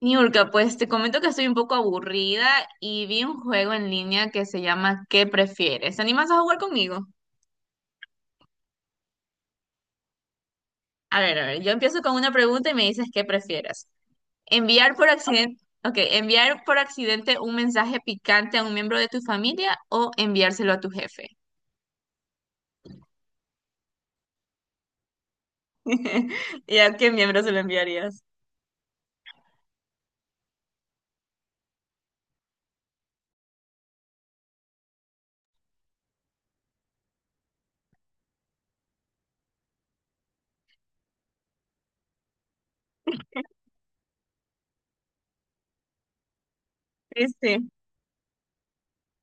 Niurka, pues te comento que estoy un poco aburrida y vi un juego en línea que se llama ¿Qué prefieres? ¿Te animas a jugar conmigo? A ver, yo empiezo con una pregunta y me dices ¿qué prefieres? ¿Enviar por accidente, ok, enviar por accidente un mensaje picante a un miembro de tu familia o enviárselo a tu jefe? ¿Y a qué miembro se lo enviarías? Sí, sí.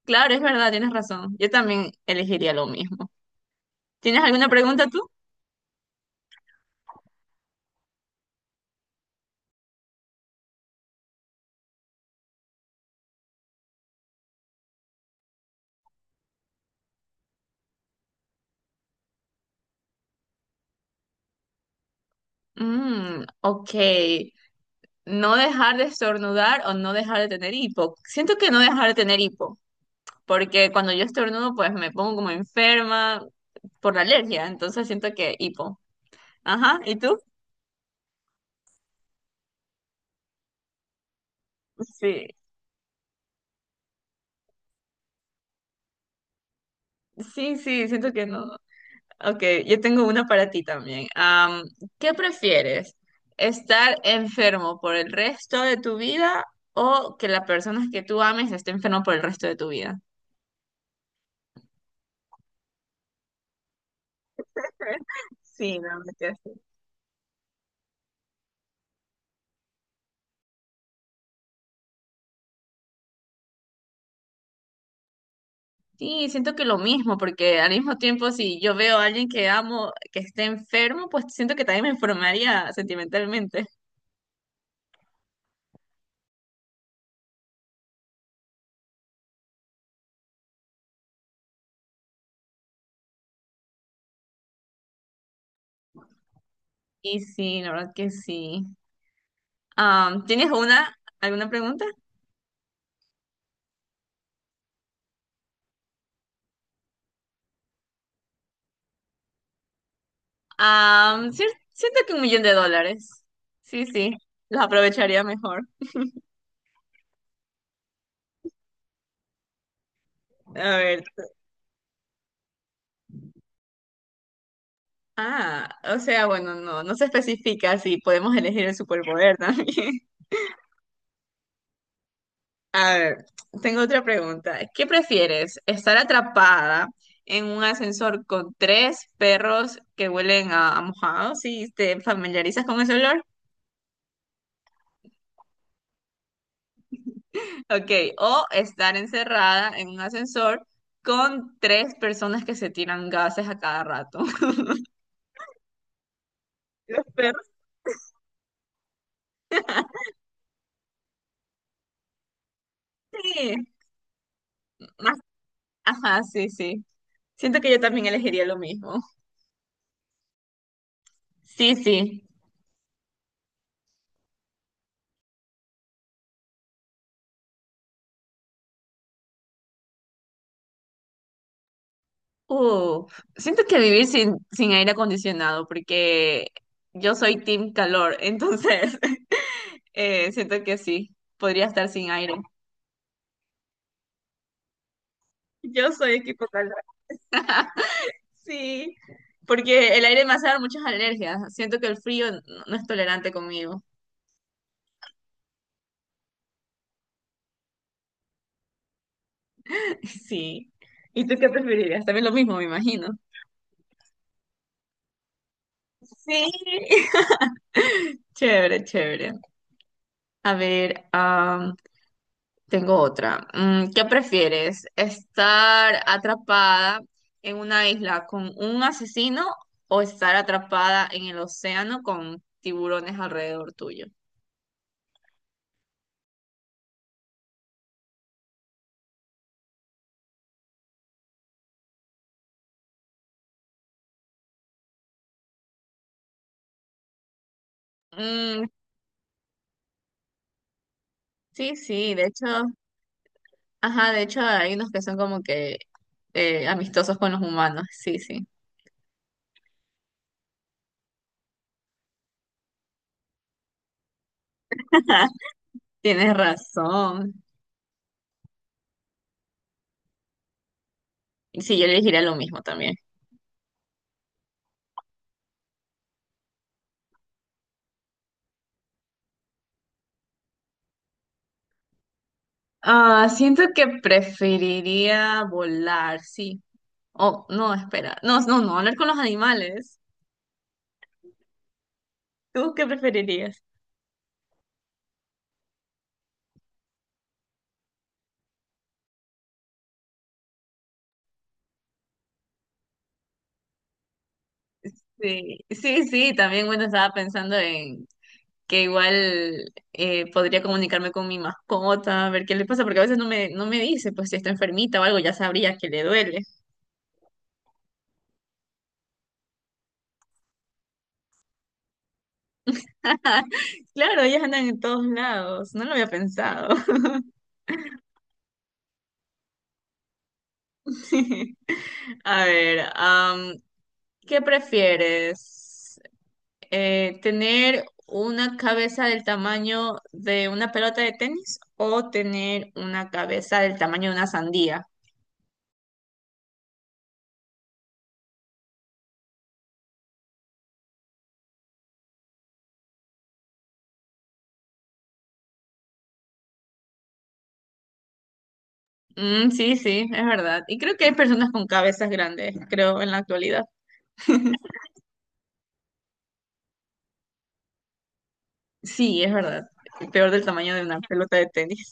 Claro, es verdad, tienes razón. Yo también elegiría lo mismo. ¿Tienes alguna pregunta tú? Mm, ok. No dejar de estornudar o no dejar de tener hipo. Siento que no dejar de tener hipo, porque cuando yo estornudo, pues me pongo como enferma por la alergia, entonces siento que hipo. Ajá, ¿y tú? Sí, sí, sí, siento que no. Ok, yo tengo una para ti también. ¿Qué prefieres? ¿Estar enfermo por el resto de tu vida o que la persona que tú ames esté enfermo por el resto de tu vida? Sí, no. Sí, siento que lo mismo, porque al mismo tiempo si yo veo a alguien que amo que esté enfermo, pues siento que también me enfermaría sentimentalmente. Y sí, la verdad que sí. ¿Tienes una, alguna pregunta? Cier- siento que $1.000.000. Sí, sí, los aprovecharía mejor. A ver. Ah, o sea, bueno, no, no se especifica si podemos elegir el superpoder también. A ver, tengo otra pregunta. ¿Qué prefieres? ¿Estar atrapada en un ascensor con tres perros que huelen a mojado, si te familiarizas con ese olor? Ok, o estar encerrada en un ascensor con tres personas que se tiran gases a cada rato. Los perros sí. Más- Ajá, sí, sí. Siento que yo también elegiría lo mismo. Sí, sí. Uh, siento que vivir sin aire acondicionado, porque yo soy team calor, entonces siento que sí, podría estar sin aire. Yo soy equipo calor. Sí, porque el aire me hace dar muchas alergias. Siento que el frío no, no es tolerante conmigo. Sí. ¿Y tú qué preferirías? También lo mismo, me imagino. Sí. Chévere, chévere. A ver, tengo otra. Mm, ¿qué prefieres? ¿Estar atrapada en una isla con un asesino o estar atrapada en el océano con tiburones alrededor tuyo? Mm, sí, sí, de hecho, ajá, de hecho hay unos que son como que amistosos con los humanos. Sí, sí. Tienes razón. Y sí, yo elegiría lo mismo también. Ah, siento que preferiría volar, sí. Oh, no, espera. No, no, no, hablar con los animales. ¿Tú qué preferirías? Sí, sí, sí, también bueno, estaba pensando en que igual podría comunicarme con mi mascota, a ver qué le pasa, porque a veces no me, no me dice, pues si está enfermita o algo, ya sabría que le duele. Claro, ellas andan en todos lados, no lo había pensado. A ver, ¿qué prefieres? ¿Tener una cabeza del tamaño de una pelota de tenis o tener una cabeza del tamaño de una sandía? Mm, sí, sí, es verdad. Y creo que hay personas con cabezas grandes, creo, en la actualidad. Sí, es verdad. Peor del tamaño de una pelota de tenis.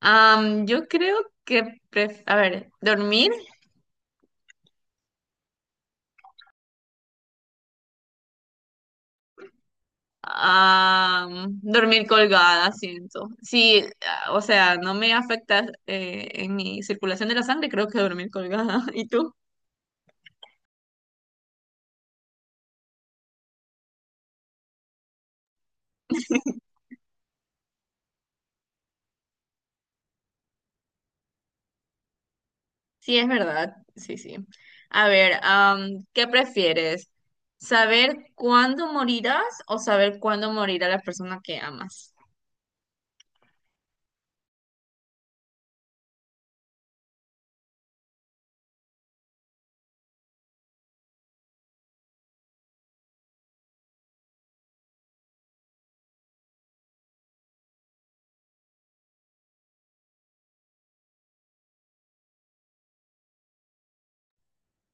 Yo creo que, pref- a ver, dormir, dormir colgada, siento. Sí, ah, o sea, no me afecta en mi circulación de la sangre, creo que dormir colgada. ¿Y tú? Sí, es verdad. Sí, sí. A ver, ¿qué prefieres? ¿Saber cuándo morirás o saber cuándo morirá la persona que amas?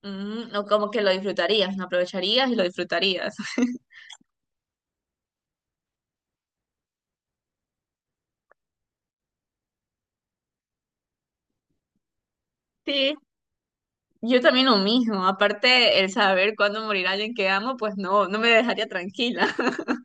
Mm, o como que lo disfrutarías, no aprovecharías y lo disfrutarías. Sí, yo también lo mismo. Aparte, el saber cuándo morirá alguien que amo, pues no, no me dejaría tranquila.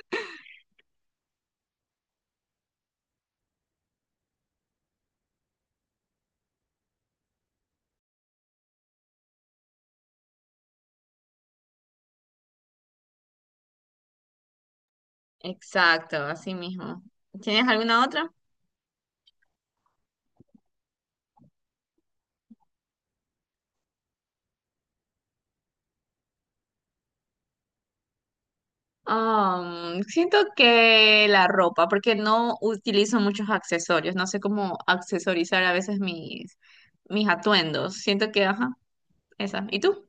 Exacto, así mismo. ¿Tienes alguna otra? Siento que la ropa, porque no utilizo muchos accesorios, no sé cómo accesorizar a veces mis, mis atuendos. Siento que, ajá, esa. ¿Y tú?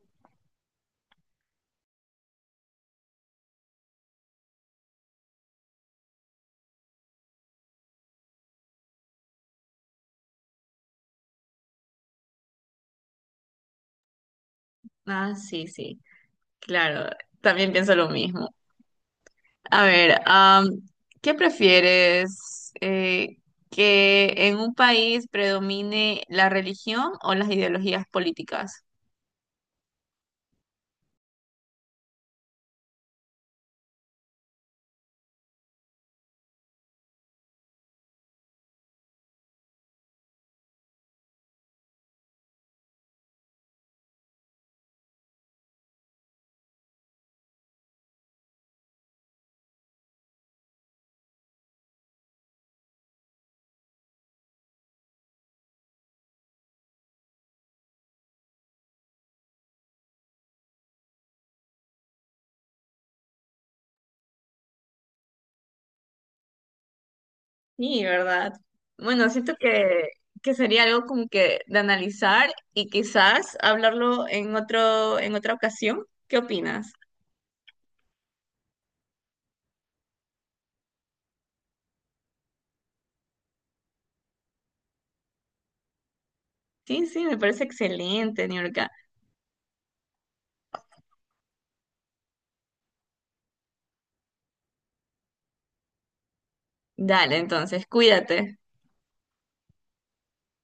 Ah, sí, sí, claro, también pienso lo mismo. A ver, ¿qué prefieres? ¿Que en un país predomine la religión o las ideologías políticas? Sí, ¿verdad? Bueno, siento que sería algo como que de analizar y quizás hablarlo en otro, en otra ocasión. ¿Qué opinas? Sí, sí, me parece excelente, Niurka. Dale, entonces, cuídate.